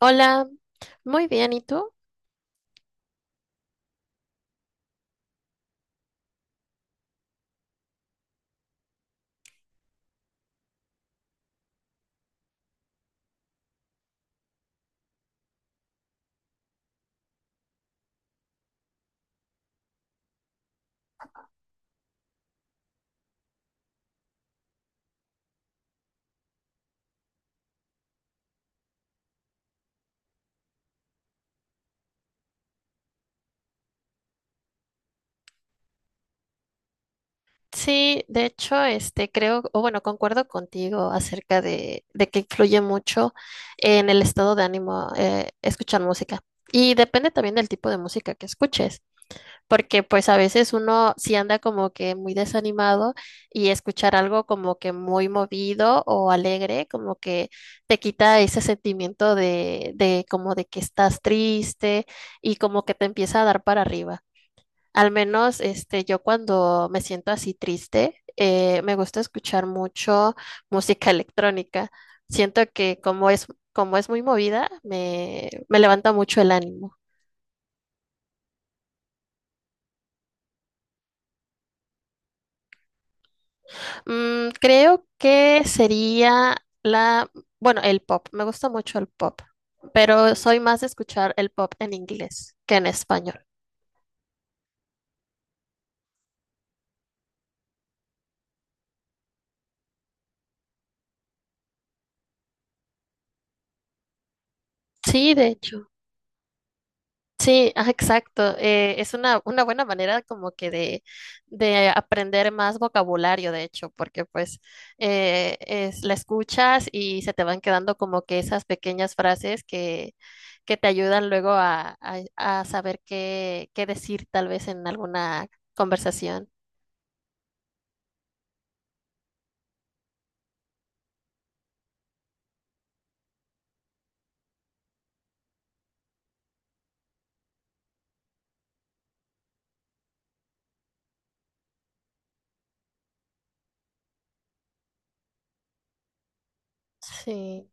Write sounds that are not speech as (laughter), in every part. Hola, muy bien, ¿y tú? Sí, de hecho, creo, o bueno, concuerdo contigo acerca de que influye mucho en el estado de ánimo escuchar música. Y depende también del tipo de música que escuches, porque pues a veces uno sí anda como que muy desanimado y escuchar algo como que muy movido o alegre, como que te quita ese sentimiento de como de que estás triste y como que te empieza a dar para arriba. Al menos yo cuando me siento así triste, me gusta escuchar mucho (laughs) música electrónica. Siento que como es, Como es muy movida, me levanta mucho el ánimo. Mm, creo que sería la, bueno, el pop. Me gusta mucho el pop, pero soy más de escuchar el pop en inglés que en español. Sí, de hecho. Sí, ah, exacto. Es una buena manera como que de aprender más vocabulario, de hecho, porque pues la escuchas y se te van quedando como que esas pequeñas frases que te ayudan luego a saber qué decir tal vez en alguna conversación. Sí.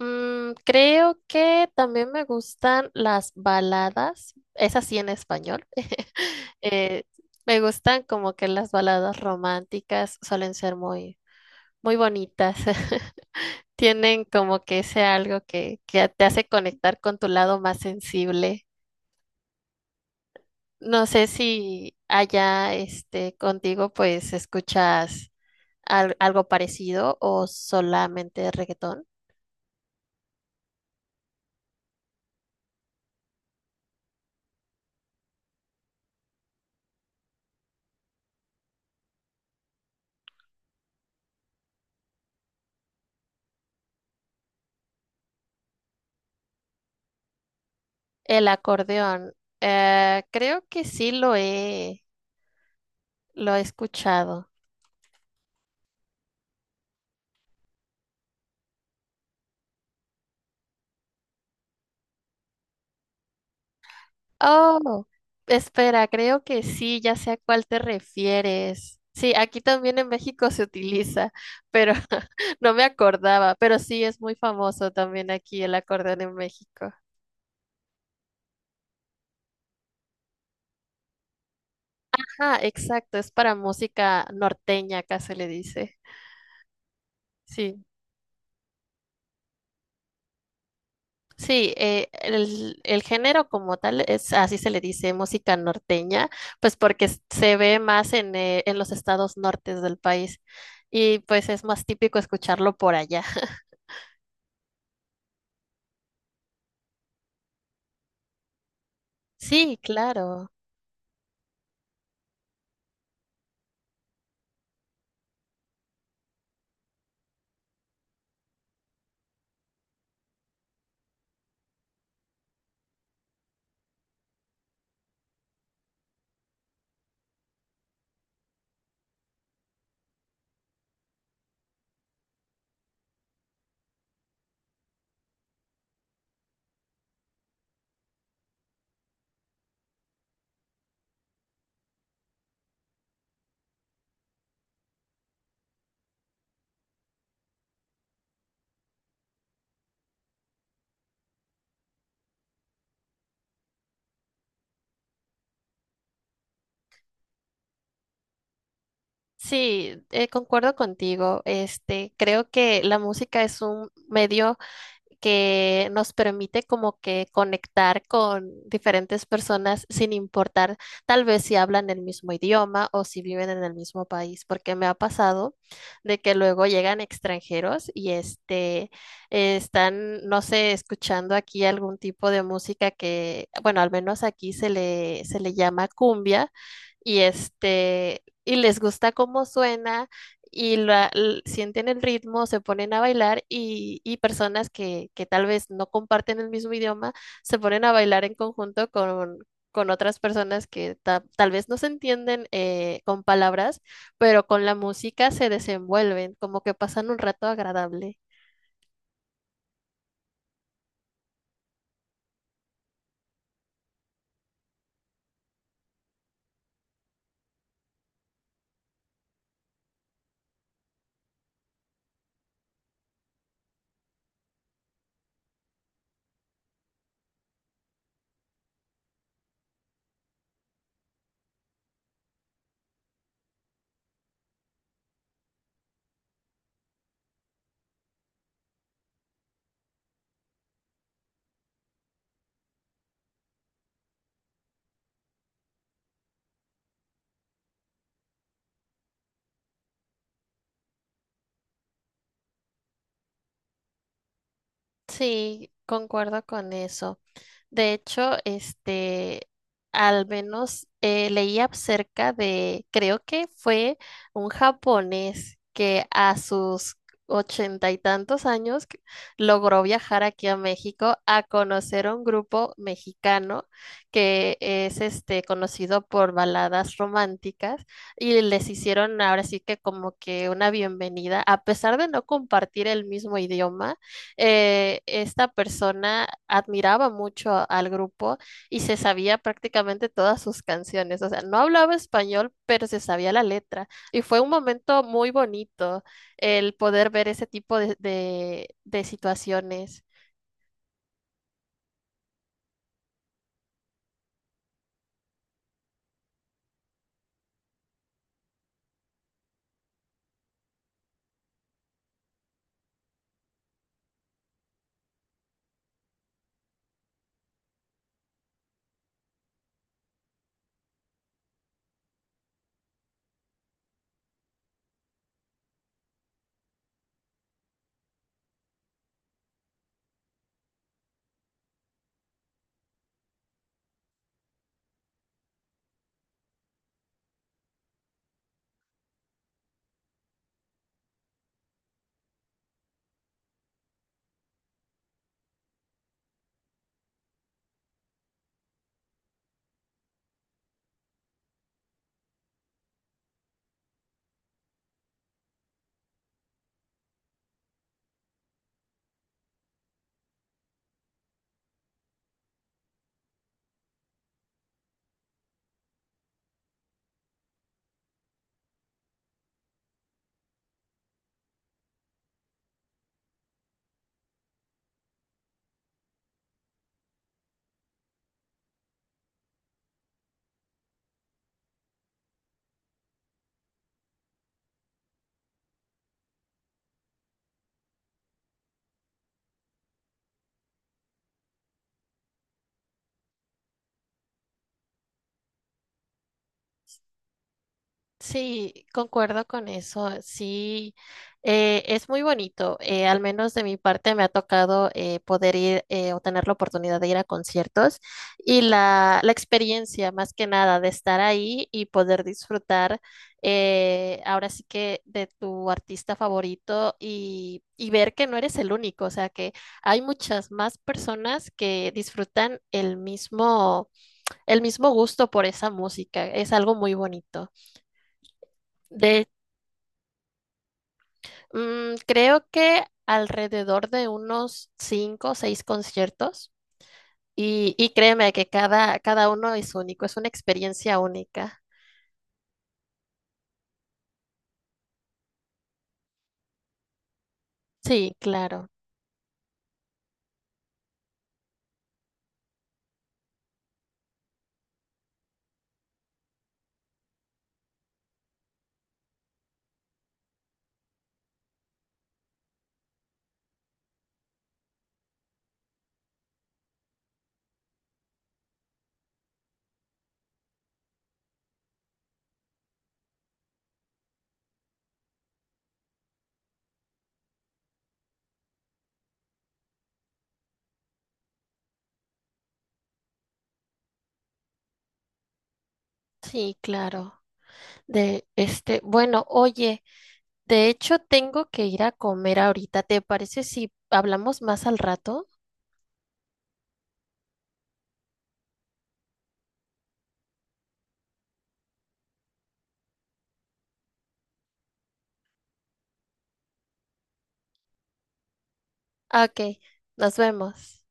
Mm, creo que también me gustan las baladas, esas sí en español. Eh, me gustan como que las baladas románticas suelen ser muy bonitas. (laughs) Tienen como que ese algo que te hace conectar con tu lado más sensible. No sé si allá contigo pues escuchas algo parecido o solamente reggaetón. El acordeón, creo que sí lo he escuchado. Oh, espera, creo que sí, ya sé a cuál te refieres. Sí, aquí también en México se utiliza, pero (laughs) no me acordaba, pero sí es muy famoso también aquí el acordeón en México. Ah, exacto, es para música norteña, acá se le dice. Sí, sí, el género como tal es, así se le dice, música norteña, pues porque se ve más en los estados nortes del país y pues es más típico escucharlo por allá. Sí, claro. Sí, concuerdo contigo. Este, creo que la música es un medio que nos permite como que conectar con diferentes personas sin importar tal vez si hablan el mismo idioma o si viven en el mismo país, porque me ha pasado de que luego llegan extranjeros y están, no sé, escuchando aquí algún tipo de música que, bueno, al menos aquí se le llama cumbia y este, y les gusta cómo suena y sienten el ritmo, se ponen a bailar y personas que tal vez no comparten el mismo idioma se ponen a bailar en conjunto con otras personas que tal vez no se entienden con palabras, pero con la música se desenvuelven, como que pasan un rato agradable. Sí, concuerdo con eso. De hecho, al menos leía acerca de, creo que fue un japonés que a sus ochenta y tantos años logró viajar aquí a México a conocer a un grupo mexicano que es este conocido por baladas románticas y les hicieron ahora sí que como que una bienvenida, a pesar de no compartir el mismo idioma esta persona admiraba mucho al grupo y se sabía prácticamente todas sus canciones. O sea, no hablaba español, pero se sabía la letra. Y fue un momento muy bonito el poder ver ese tipo de situaciones. Sí, concuerdo con eso. Sí, es muy bonito. Al menos de mi parte me ha tocado poder ir o tener la oportunidad de ir a conciertos y la experiencia más que nada de estar ahí y poder disfrutar ahora sí que de tu artista favorito y ver que no eres el único. O sea, que hay muchas más personas que disfrutan el mismo gusto por esa música. Es algo muy bonito. De Mm, creo que alrededor de unos 5 o 6 conciertos y créeme que cada uno es único, es una experiencia única. Sí, claro, sí, claro. Bueno, oye, de hecho tengo que ir a comer ahorita. ¿Te parece si hablamos más al rato? Ah, ok, nos vemos.